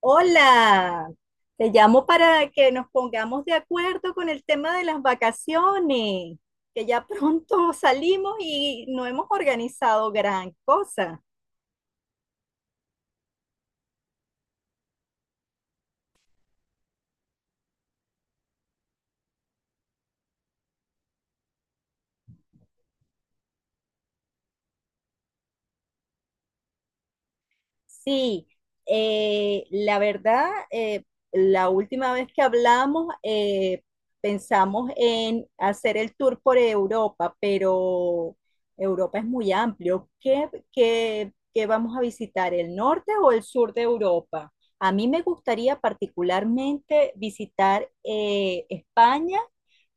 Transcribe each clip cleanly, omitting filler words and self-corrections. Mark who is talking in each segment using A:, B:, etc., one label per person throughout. A: Hola, te llamo para que nos pongamos de acuerdo con el tema de las vacaciones, que ya pronto salimos y no hemos organizado gran cosa. Sí, la verdad, la última vez que hablamos, pensamos en hacer el tour por Europa, pero Europa es muy amplio. ¿Qué vamos a visitar, el norte o el sur de Europa? A mí me gustaría particularmente visitar España,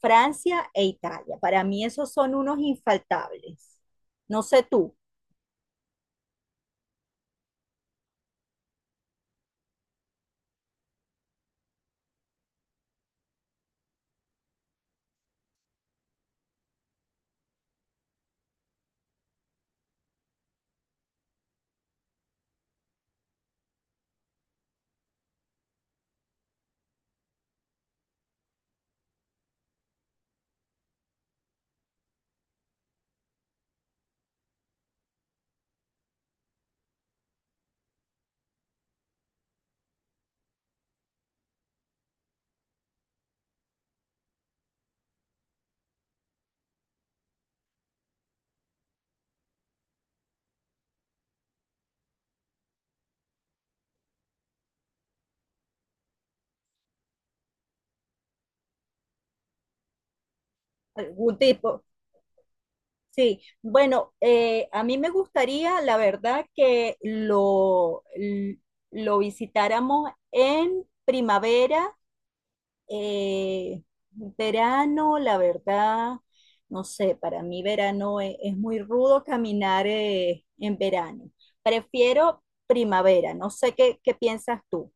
A: Francia e Italia. Para mí esos son unos infaltables. No sé tú, algún tipo. Sí, bueno, a mí me gustaría, la verdad, que lo visitáramos en primavera, eh, verano, la verdad, no sé, para mí verano es muy rudo caminar en verano. Prefiero primavera, no sé qué, qué piensas tú.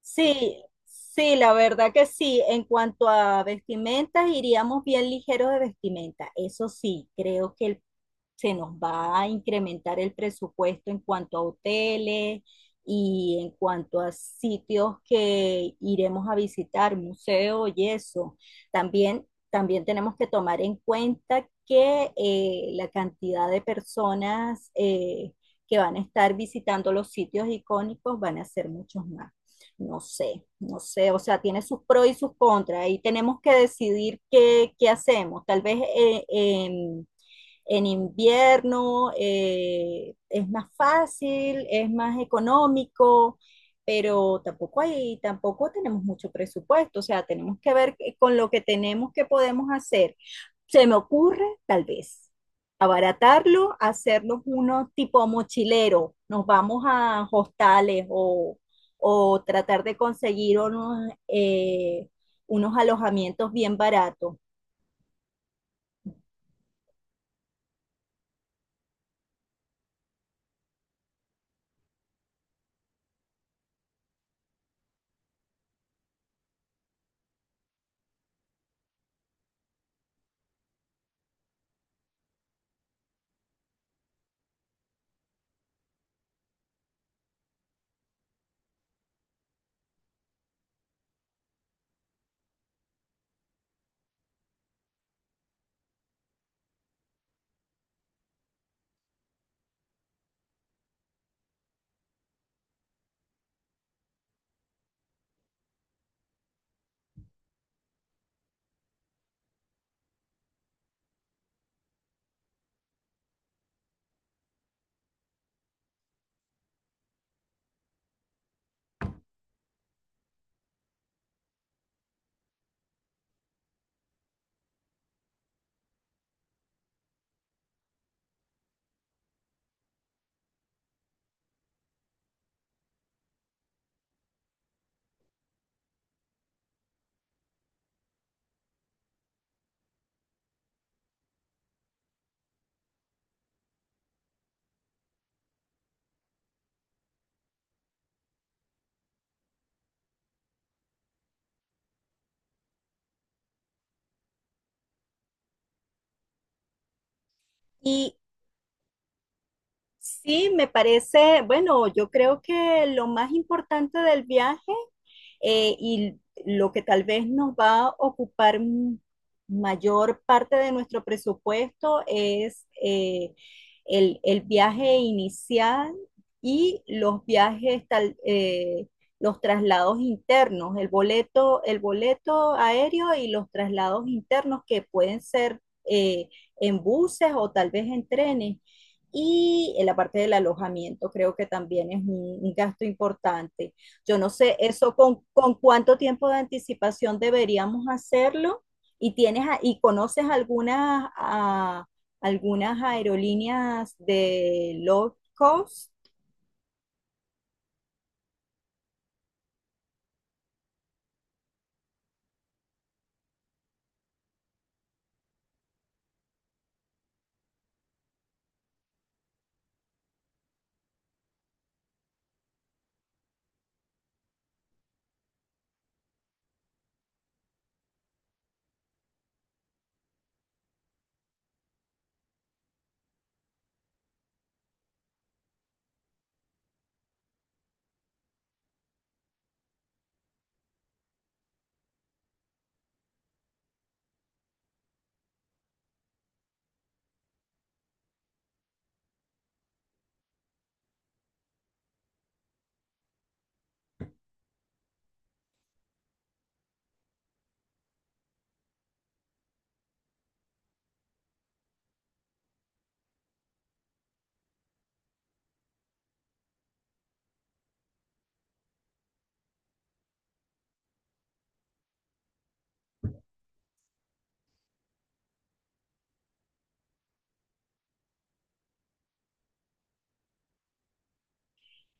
A: Sí, sí, la verdad que sí. En cuanto a vestimentas, iríamos bien ligeros de vestimenta. Eso sí, creo que el se nos va a incrementar el presupuesto en cuanto a hoteles y en cuanto a sitios que iremos a visitar, museos y eso. También tenemos que tomar en cuenta que la cantidad de personas que van a estar visitando los sitios icónicos van a ser muchos más. No sé, o sea, tiene sus pros y sus contras, y tenemos que decidir qué, qué hacemos. Tal vez en invierno, es más fácil, es más económico, pero tampoco hay, tampoco tenemos mucho presupuesto, o sea, tenemos que ver con lo que tenemos que podemos hacer. Se me ocurre, tal vez, abaratarlo, hacernos unos tipo mochilero, nos vamos a hostales o tratar de conseguir unos, unos alojamientos bien baratos. Y sí, me parece, bueno, yo creo que lo más importante del viaje y lo que tal vez nos va a ocupar mayor parte de nuestro presupuesto es viaje inicial y los los traslados internos, el boleto aéreo y los traslados internos que pueden ser eh, en buses o tal vez en trenes. Y en la parte del alojamiento creo que también es un gasto importante. Yo no sé eso con cuánto tiempo de anticipación deberíamos hacerlo y conoces algunas a, algunas aerolíneas de low cost.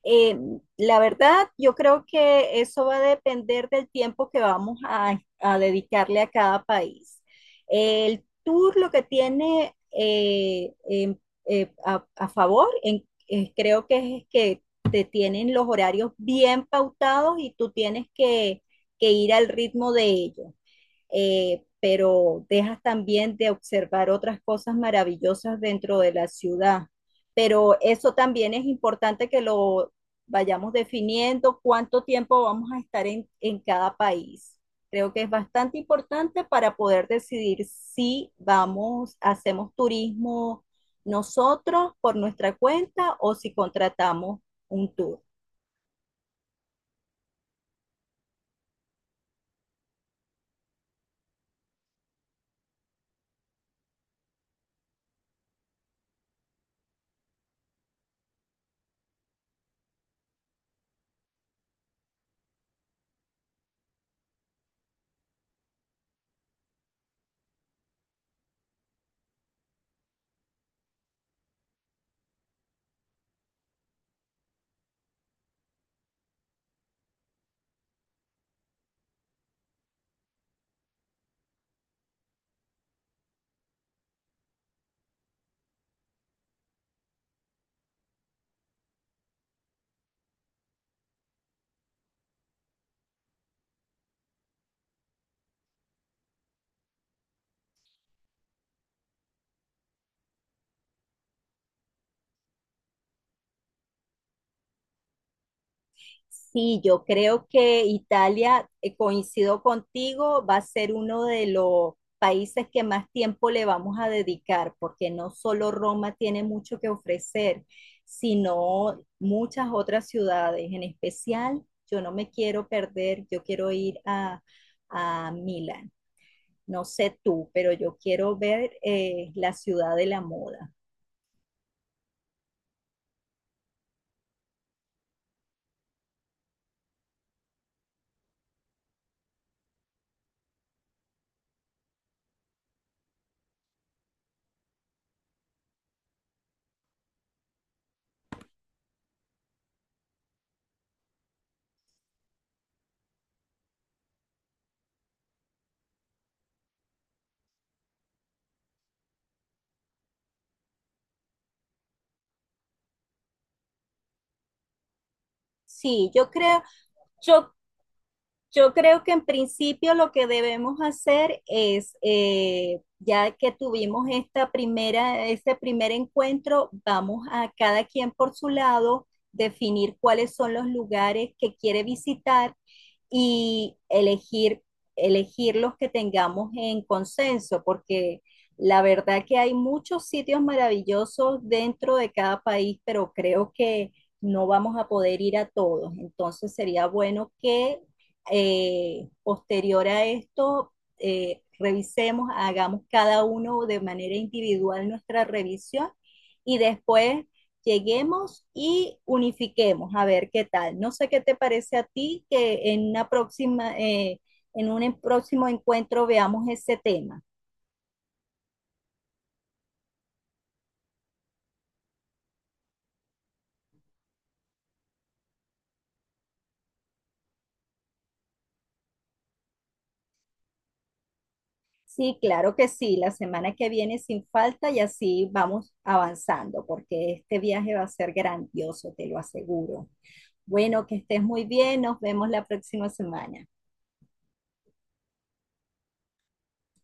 A: Eh, la verdad, yo creo que eso va a depender del tiempo que vamos a dedicarle a cada país. El tour lo que tiene a favor, creo que es que te tienen los horarios bien pautados y tú tienes que ir al ritmo de ellos, pero dejas también de observar otras cosas maravillosas dentro de la ciudad. Pero eso también es importante que lo vayamos definiendo, cuánto tiempo vamos a estar en cada país. Creo que es bastante importante para poder decidir si vamos, hacemos turismo nosotros por nuestra cuenta o si contratamos un tour. Sí, yo creo que Italia, coincido contigo, va a ser uno de los países que más tiempo le vamos a dedicar, porque no solo Roma tiene mucho que ofrecer, sino muchas otras ciudades. En especial, yo no me quiero perder, yo quiero ir a Milán. No sé tú, pero yo quiero ver la ciudad de la moda. Sí, yo creo, yo yo creo que en principio lo que debemos hacer es, ya que tuvimos esta primera, este primer encuentro, vamos a cada quien por su lado definir cuáles son los lugares que quiere visitar y elegir los que tengamos en consenso, porque la verdad que hay muchos sitios maravillosos dentro de cada país, pero creo que no vamos a poder ir a todos. Entonces sería bueno que posterior a esto, revisemos, hagamos cada uno de manera individual nuestra revisión y después lleguemos y unifiquemos a ver qué tal. No sé qué te parece a ti que en una próxima, en un próximo encuentro veamos ese tema. Sí, claro que sí, la semana que viene sin falta y así vamos avanzando, porque este viaje va a ser grandioso, te lo aseguro. Bueno, que estés muy bien. Nos vemos la próxima semana.